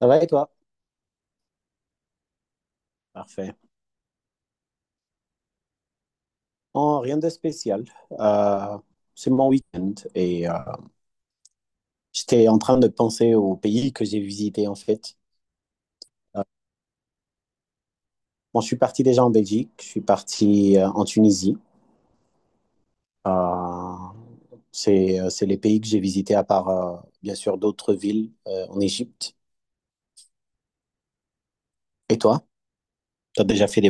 Ça va et toi? Parfait. Oh, rien de spécial. Euh, c'est mon week-end et j'étais en train de penser aux pays que j'ai visités en fait. Bon, je suis parti déjà en Belgique, je suis parti en Tunisie. Euh, c'est les pays que j'ai visités à part bien sûr d'autres villes en Égypte. Et toi? Tu as déjà fait des...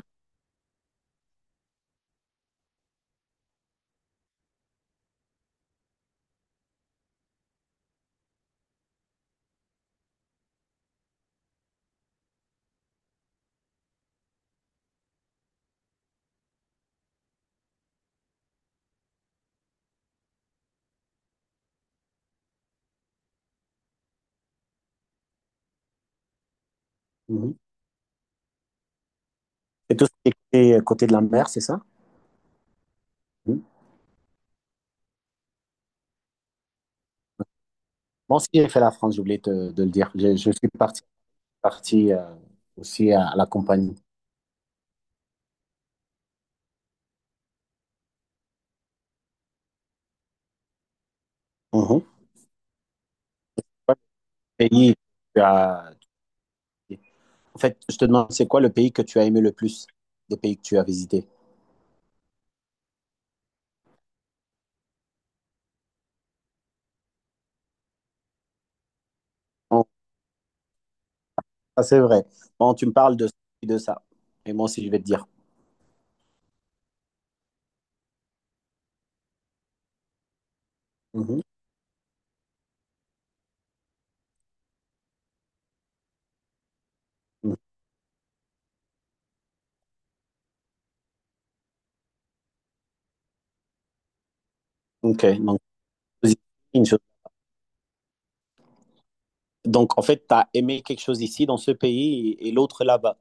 Mhm. Et tout ce qui est côté de la mer, c'est ça? Mhm. Bon, si j'ai fait la France, j'ai oublié de le dire. Je suis parti, aussi à, la compagnie. Mhm. Pays, que tu as- En fait, je te demande, c'est quoi le pays que tu as aimé le plus des pays que tu as visités? Bon, ça, c'est vrai. Bon, tu me parles de ça. Et moi aussi, je vais te dire. Mhm. Mhm. OK. Une chose- donc, en fait, tu as aimé quelque chose ici, dans ce pays, et l'autre là-bas.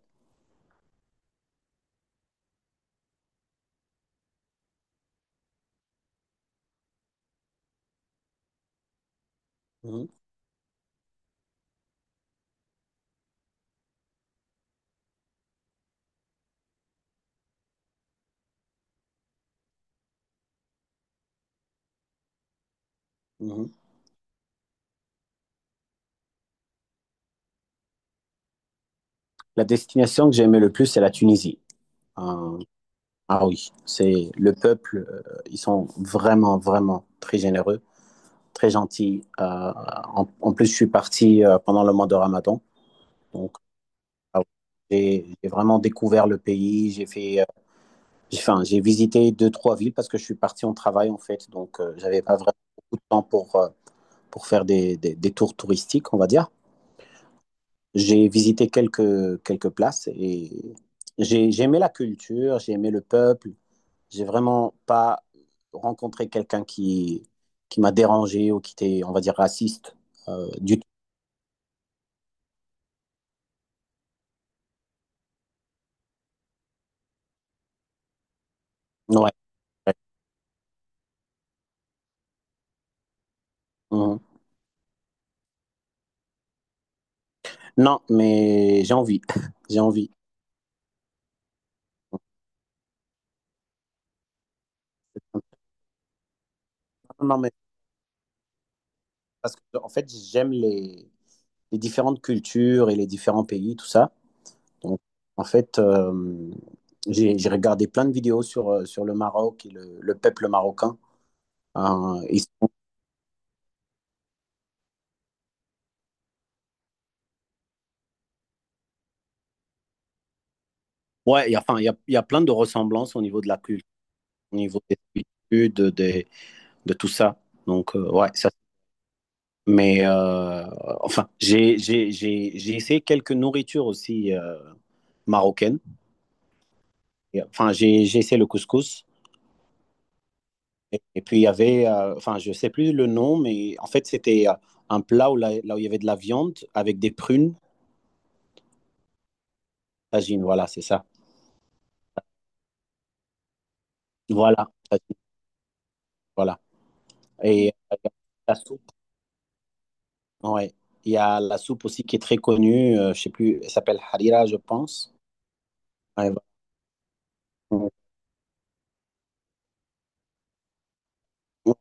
Mhm. Mhm. La destination que j'ai aimé le plus, c'est la Tunisie. Euh, ah oui, c'est le peuple, ils sont vraiment, vraiment très généreux. Très gentil. En plus, je suis parti pendant le mois de Ramadan. Donc, ah ouais, j'ai vraiment découvert le pays. J'ai fait, j'ai, enfin, j'ai visité deux, trois villes parce que je suis parti en travail, en fait. Donc, j'avais pas vraiment beaucoup de temps pour faire des tours touristiques, on va dire. J'ai visité quelques places et j'ai aimé la culture, j'ai aimé le peuple. J'ai vraiment pas rencontré quelqu'un qui m'a dérangé ou qui était, on va dire, raciste du tout. Ouais, ouais. Mhm. Non, mais j'ai envie. J'ai envie. Non, mais parce que, en fait, j'aime les différentes cultures et les différents pays, tout ça. Donc, en fait, j'ai regardé plein de vidéos sur le Maroc et le peuple marocain. Euh, ils sont- ouais, il y a, enfin, il y a plein de ressemblances au niveau de la culture, au niveau des habitudes, de tout ça. Donc, ouais, ça. Mais, enfin, j'ai essayé quelques nourritures aussi marocaines. Et, enfin, j'ai essayé le couscous. Et puis, il y avait, enfin, je sais plus le nom, mais en fait, c'était un plat où là où il y avait de la viande avec des prunes, tagine, voilà, c'est ça. Voilà, tagine, voilà. Et la soupe, ouais. Il y a la soupe aussi qui est très connue, je sais plus, elle s'appelle harira, je pense. Ouais, voilà. Ouais.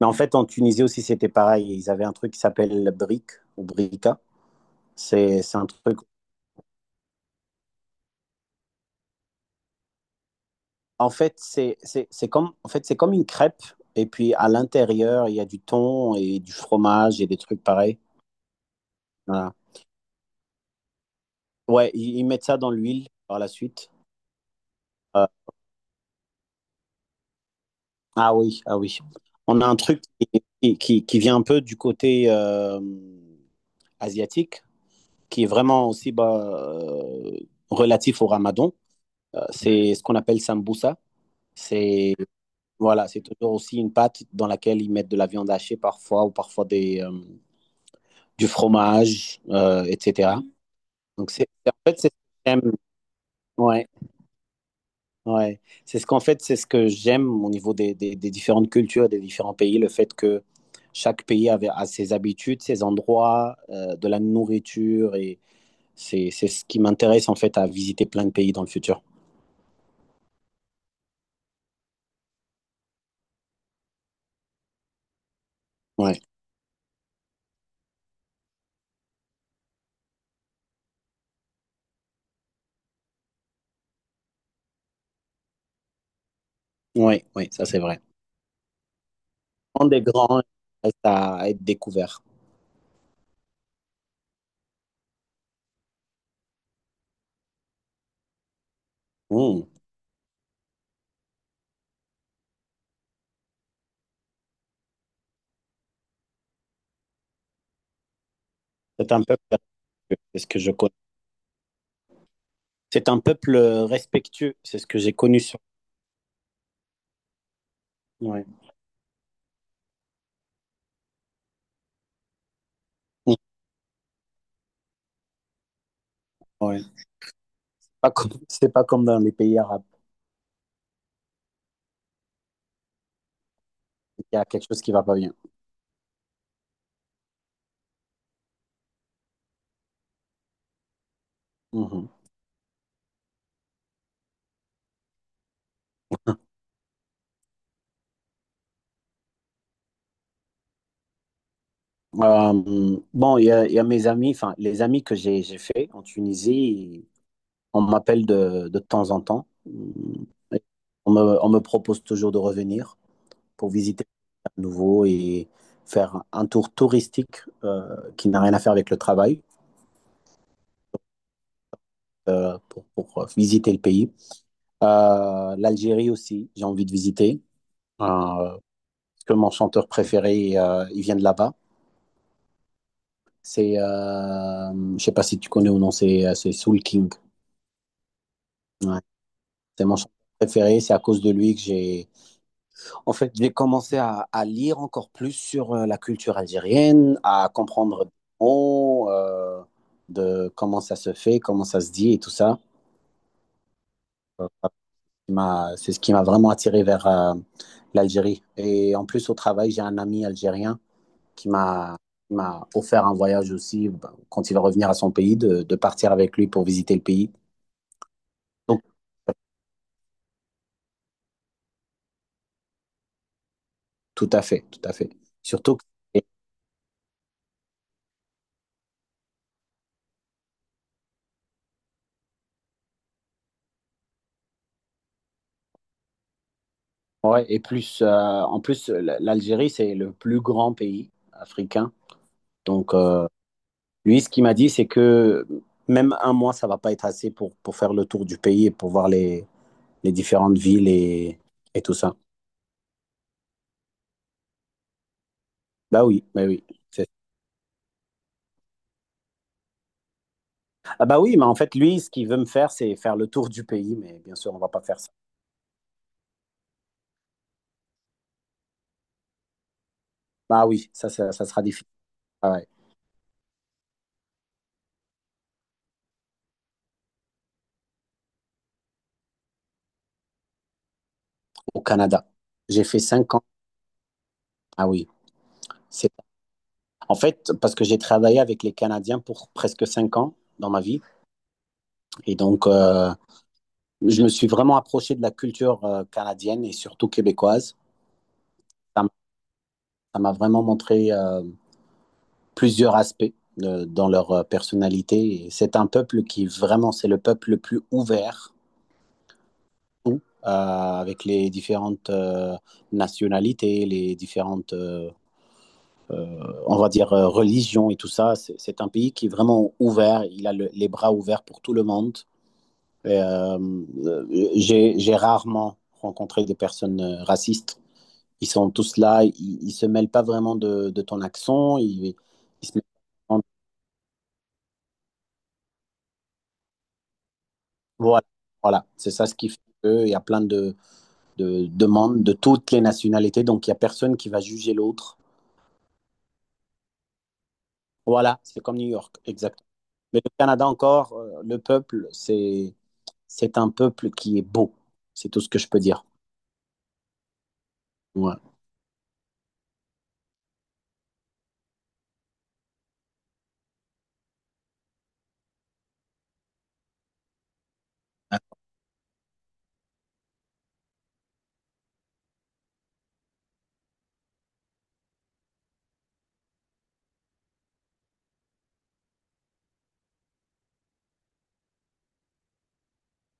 Mais en fait, en Tunisie aussi, c'était pareil. Ils avaient un truc qui s'appelle brique ou brika. C'est un truc. En fait, c'est comme une crêpe. Et puis, à l'intérieur, il y a du thon et du fromage et des trucs pareils. Voilà. Ouais, ils mettent ça dans l'huile par la suite. Euh, ah oui, ah oui. On a un truc qui vient un peu du côté asiatique, qui est vraiment aussi bah, relatif au Ramadan. C'est ce qu'on appelle sambusa. C'est Voilà, c'est toujours aussi une pâte dans laquelle ils mettent de la viande hachée parfois ou parfois du fromage, etc. Donc, c'est, en fait, c'est ce que j'aime. Ouais, ouais. C'est ce que j'aime au niveau des différentes cultures, des différents pays, le fait que chaque pays avait, a ses habitudes, ses endroits, de la nourriture, et c'est ce qui m'intéresse en fait à visiter plein de pays dans le futur. Ouais, ouais, ouais, ça c'est vrai. Prendre des grands reste à être découvert. Mmh. C'est un peuple respectueux, c'est ce que je connais. C'est un peuple respectueux, c'est ce que j'ai connu sur. Ouais. Mmh. Ouais. pas comme, C'est pas comme dans les pays arabes. Il y a quelque chose qui va pas bien. Mhm. Bon, il y a mes amis, enfin, les amis que j'ai fait en Tunisie, on m'appelle de temps en temps. Mm. Et on me propose toujours de revenir pour visiter à nouveau et faire un tour touristique qui n'a rien à faire avec le travail pour visiter le pays. L'Algérie aussi, j'ai envie de visiter euh, parce que mon chanteur préféré, il vient de là-bas. Je sais pas si tu connais ou non, c'est Soul King. Ouais. C'est mon chanteur préféré. C'est à cause de lui que j'ai, en fait, j'ai commencé à lire encore plus sur la culture algérienne, à comprendre des mots, de comment ça se fait, comment ça se dit et tout ça. Euh, ça C'est ce qui m'a vraiment attiré vers l'Algérie. Et en plus, au travail, j'ai un ami algérien qui m'a qui m'a offert un voyage aussi, bah, quand il va revenir à son pays, de partir avec lui pour visiter le pays. Donc, tout à fait, tout à fait. Surtout que, et, ouais, en plus, l'Algérie, c'est le plus grand pays africain. Donc, lui, ce qu'il m'a dit, c'est que même un mois, ça va pas être assez pour faire le tour du pays et pour voir les différentes villes et tout ça. Bah oui, bah oui. c'est- Ah bah oui, mais en fait, lui, ce qu'il veut me faire, c'est faire le tour du pays, mais bien sûr, on va pas faire ça. Bah oui, ça sera difficile. Ah ouais, au Canada. J'ai fait 5 ans. Ah oui. En fait, parce que j'ai travaillé avec les Canadiens pour presque 5 ans dans ma vie. Et donc, je me suis vraiment approché de la culture canadienne et surtout québécoise. Ça m- ça m'a vraiment montré plusieurs aspects dans leur personnalité. Et c'est un peuple qui vraiment, c'est le peuple le plus ouvert, tout, avec les différentes nationalités, les différentes, on va dire, religions et tout ça. C'est un pays qui est vraiment ouvert. Il a les bras ouverts pour tout le monde. euh, euh, j'ai rarement rencontré des personnes racistes. Ils sont tous là, ils se mêlent pas vraiment de ton accent. Ils se mêlent pas vraiment voilà, voilà. C'est ça ce qui fait qu'il y a plein de demandes de toutes les nationalités, donc il y a personne qui va juger l'autre. Voilà, c'est comme New York, exact. Mais le Canada encore, le peuple, c'est un peuple qui est beau. C'est tout ce que je peux dire. Ouais. Ah,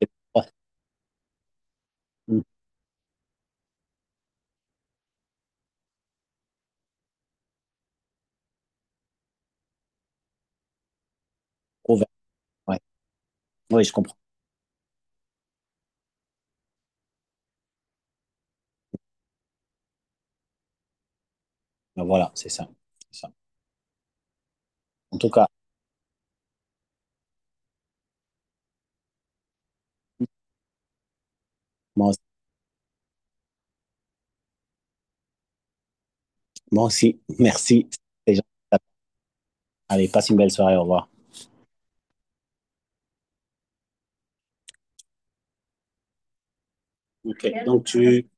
c'est- ouais. Mm. Ouvert, ouais. Oui, je comprends. Voilà, c'est ça. C'est ça. En tout cas, moi aussi, moi aussi merci. Les gens, Allez, passe une belle soirée, au revoir. Ok, donc tu,